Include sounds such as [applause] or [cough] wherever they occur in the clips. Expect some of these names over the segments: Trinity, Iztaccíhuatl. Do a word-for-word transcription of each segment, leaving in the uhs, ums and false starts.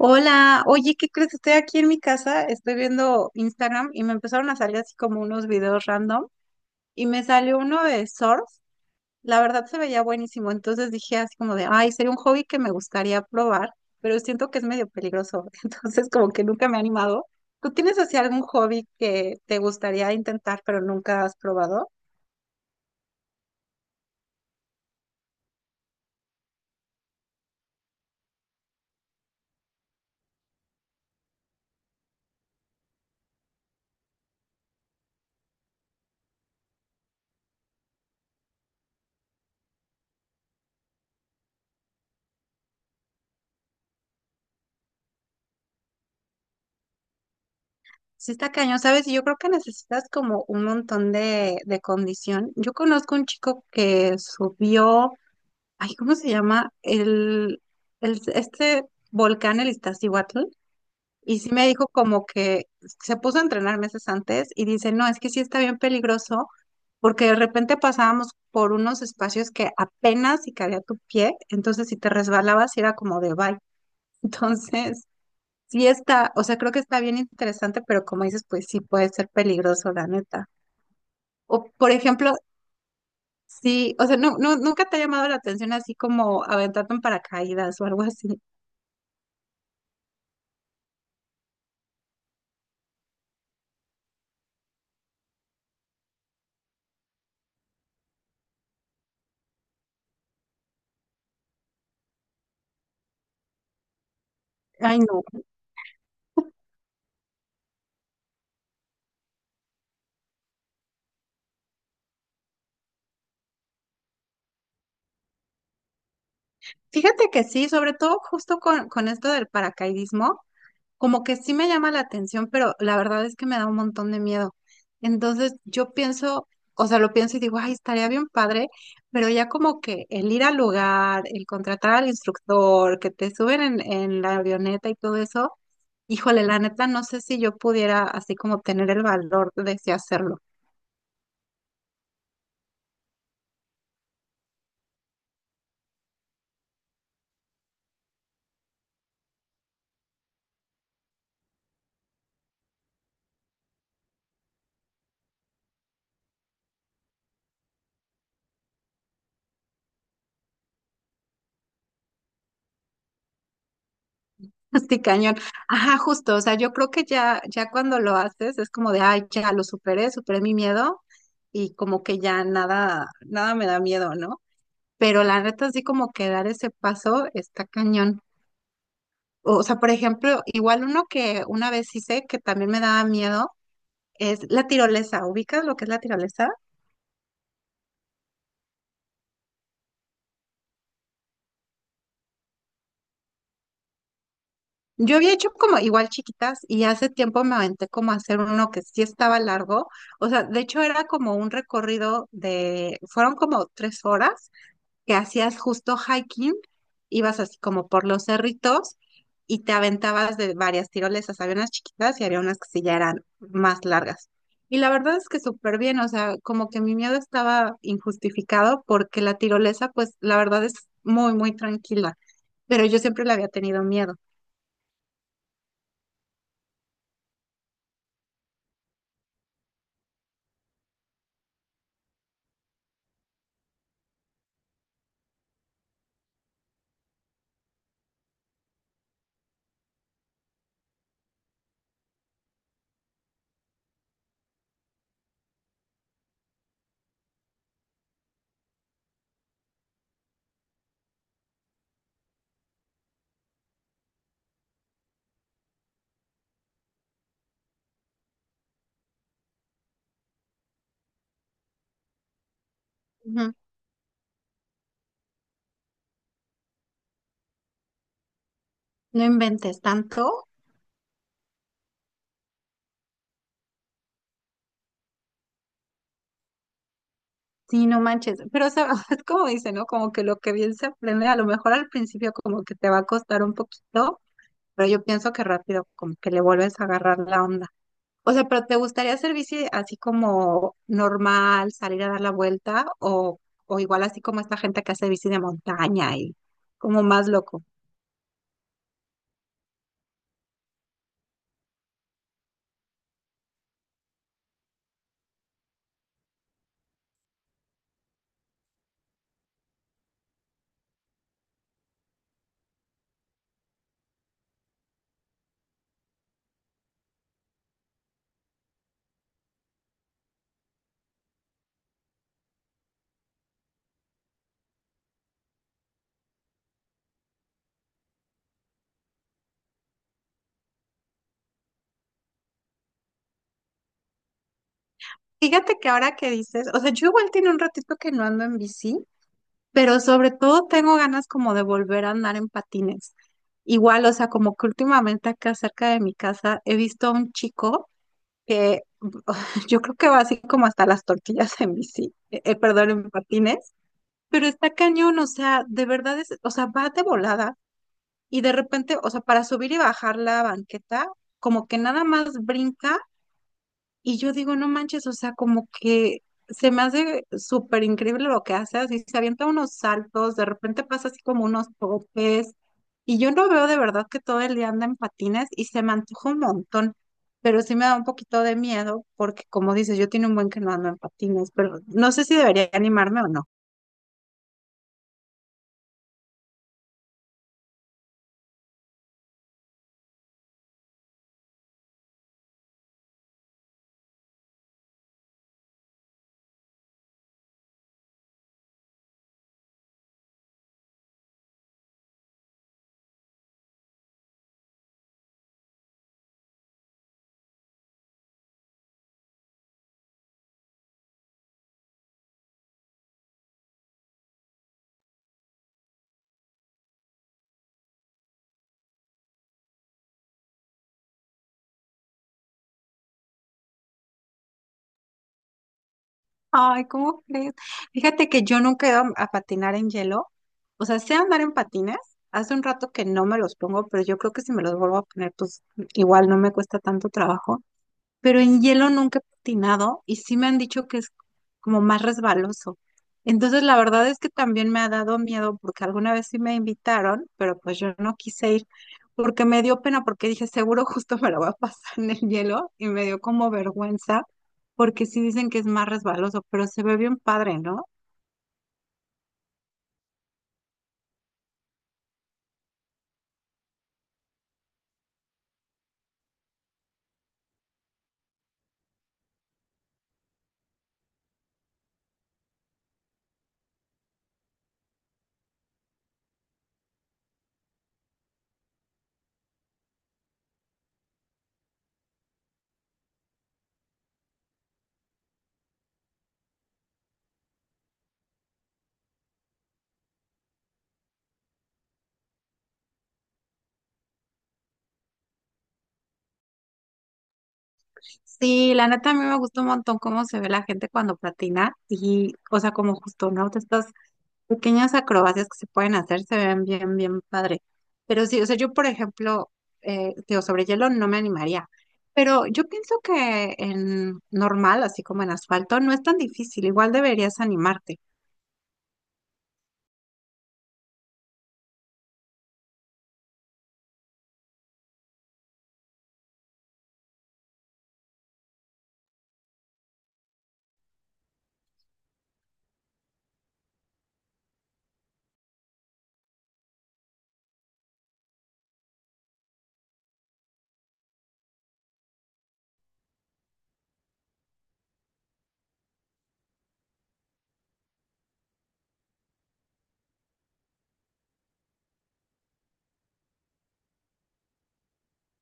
Hola, oye, ¿qué crees? Estoy aquí en mi casa, estoy viendo Instagram y me empezaron a salir así como unos videos random y me salió uno de surf, la verdad se veía buenísimo, entonces dije así como de, ay, sería un hobby que me gustaría probar, pero siento que es medio peligroso, [laughs] entonces como que nunca me he animado. ¿Tú tienes así algún hobby que te gustaría intentar pero nunca has probado? Sí está cañón, ¿sabes? Y yo creo que necesitas como un montón de, de condición. Yo conozco un chico que subió, ay, ¿cómo se llama? El, el, este volcán, el Iztaccíhuatl. Y sí me dijo como que se puso a entrenar meses antes y dice, no, es que sí está bien peligroso porque de repente pasábamos por unos espacios que apenas si cabía tu pie, entonces si te resbalabas era como de bye. [laughs] Entonces, sí está, o sea, creo que está bien interesante, pero como dices, pues sí puede ser peligroso, la neta. O, por ejemplo, sí, o sea, no, no, nunca te ha llamado la atención así como aventarte en paracaídas o algo así. Ay, no. Fíjate que sí, sobre todo justo con, con esto del paracaidismo, como que sí me llama la atención, pero la verdad es que me da un montón de miedo. Entonces yo pienso, o sea, lo pienso y digo, ay, estaría bien padre, pero ya como que el ir al lugar, el contratar al instructor, que te suben en, en la avioneta y todo eso, híjole, la neta, no sé si yo pudiera así como tener el valor de sí hacerlo. Sí, cañón. Ajá, justo, o sea, yo creo que ya, ya cuando lo haces es como de, ay, ya lo superé, superé mi miedo y como que ya nada, nada me da miedo, ¿no? Pero la neta sí como que dar ese paso está cañón. O sea, por ejemplo, igual uno que una vez hice que también me daba miedo es la tirolesa. ¿Ubicas lo que es la tirolesa? Yo había hecho como igual chiquitas y hace tiempo me aventé como a hacer uno que sí estaba largo. O sea, de hecho era como un recorrido de, fueron como tres horas que hacías justo hiking, ibas así como por los cerritos y te aventabas de varias tirolesas. Había unas chiquitas y había unas que sí ya eran más largas. Y la verdad es que súper bien, o sea, como que mi miedo estaba injustificado porque la tirolesa, pues la verdad es muy, muy tranquila, pero yo siempre le había tenido miedo. Ujú. No inventes tanto, sí, no manches, pero o sea, [laughs] es como dice, ¿no? Como que lo que bien se aprende, a lo mejor al principio como que te va a costar un poquito, pero yo pienso que rápido, como que le vuelves a agarrar la onda. O sea, pero ¿te gustaría hacer bici así como normal, salir a dar la vuelta o, o igual así como esta gente que hace bici de montaña y como más loco? Fíjate que ahora que dices, o sea, yo igual tiene un ratito que no ando en bici, pero sobre todo tengo ganas como de volver a andar en patines. Igual, o sea, como que últimamente acá cerca de mi casa he visto a un chico que [laughs] yo creo que va así como hasta las tortillas en bici, eh, eh, perdón, en patines, pero está cañón, o sea, de verdad es, o sea, va de volada y de repente, o sea, para subir y bajar la banqueta, como que nada más brinca y yo digo, no manches, o sea, como que se me hace súper increíble lo que hace, así se avienta unos saltos, de repente pasa así como unos topes, y yo no veo de verdad que todo el día anda en patines y se me antoja un montón, pero sí me da un poquito de miedo porque como dices, yo tiene un buen que no ando en patines, pero no sé si debería animarme o no. Ay, ¿cómo crees? Fíjate que yo nunca he ido a patinar en hielo. O sea, sé andar en patines. Hace un rato que no me los pongo, pero yo creo que si me los vuelvo a poner, pues igual no me cuesta tanto trabajo, pero en hielo nunca he patinado y sí me han dicho que es como más resbaloso. Entonces, la verdad es que también me ha dado miedo porque alguna vez sí me invitaron, pero pues yo no quise ir porque me dio pena porque dije, seguro justo me lo va a pasar en el hielo y me dio como vergüenza porque sí dicen que es más resbaloso, pero se ve bien padre, ¿no? Sí, la neta a mí me gusta un montón cómo se ve la gente cuando patina y, o sea, como justo, ¿no? Te estás pequeñas acrobacias que se pueden hacer se ven bien, bien padre. Pero sí, o sea, yo, por ejemplo, eh, digo, sobre hielo no me animaría. Pero yo pienso que en normal, así como en asfalto, no es tan difícil. Igual deberías animarte.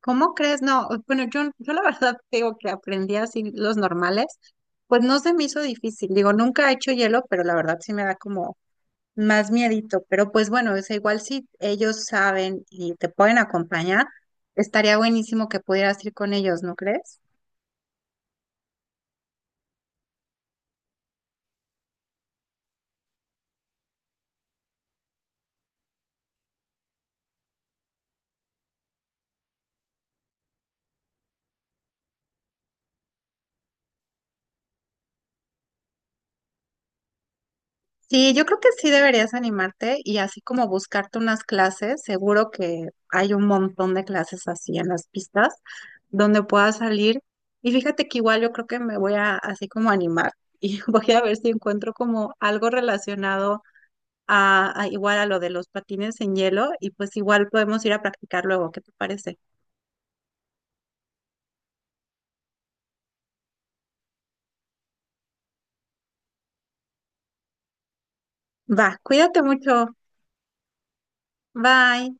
¿Cómo crees? No, bueno, yo, yo la [laughs] verdad te digo que aprendí así los normales, pues no se me hizo difícil. Digo, nunca he hecho hielo, pero la verdad sí me da como más miedito, pero pues bueno, es igual si ellos saben y te pueden acompañar, estaría buenísimo que pudieras ir con ellos, ¿no crees? Sí, yo creo que sí deberías animarte y así como buscarte unas clases, seguro que hay un montón de clases así en las pistas donde puedas salir. Y fíjate que igual yo creo que me voy a así como animar [laughs] y voy a ver si encuentro como algo relacionado a, a igual a lo de los patines en hielo y pues igual podemos ir a practicar luego, ¿qué te parece? Va, cuídate mucho. Bye.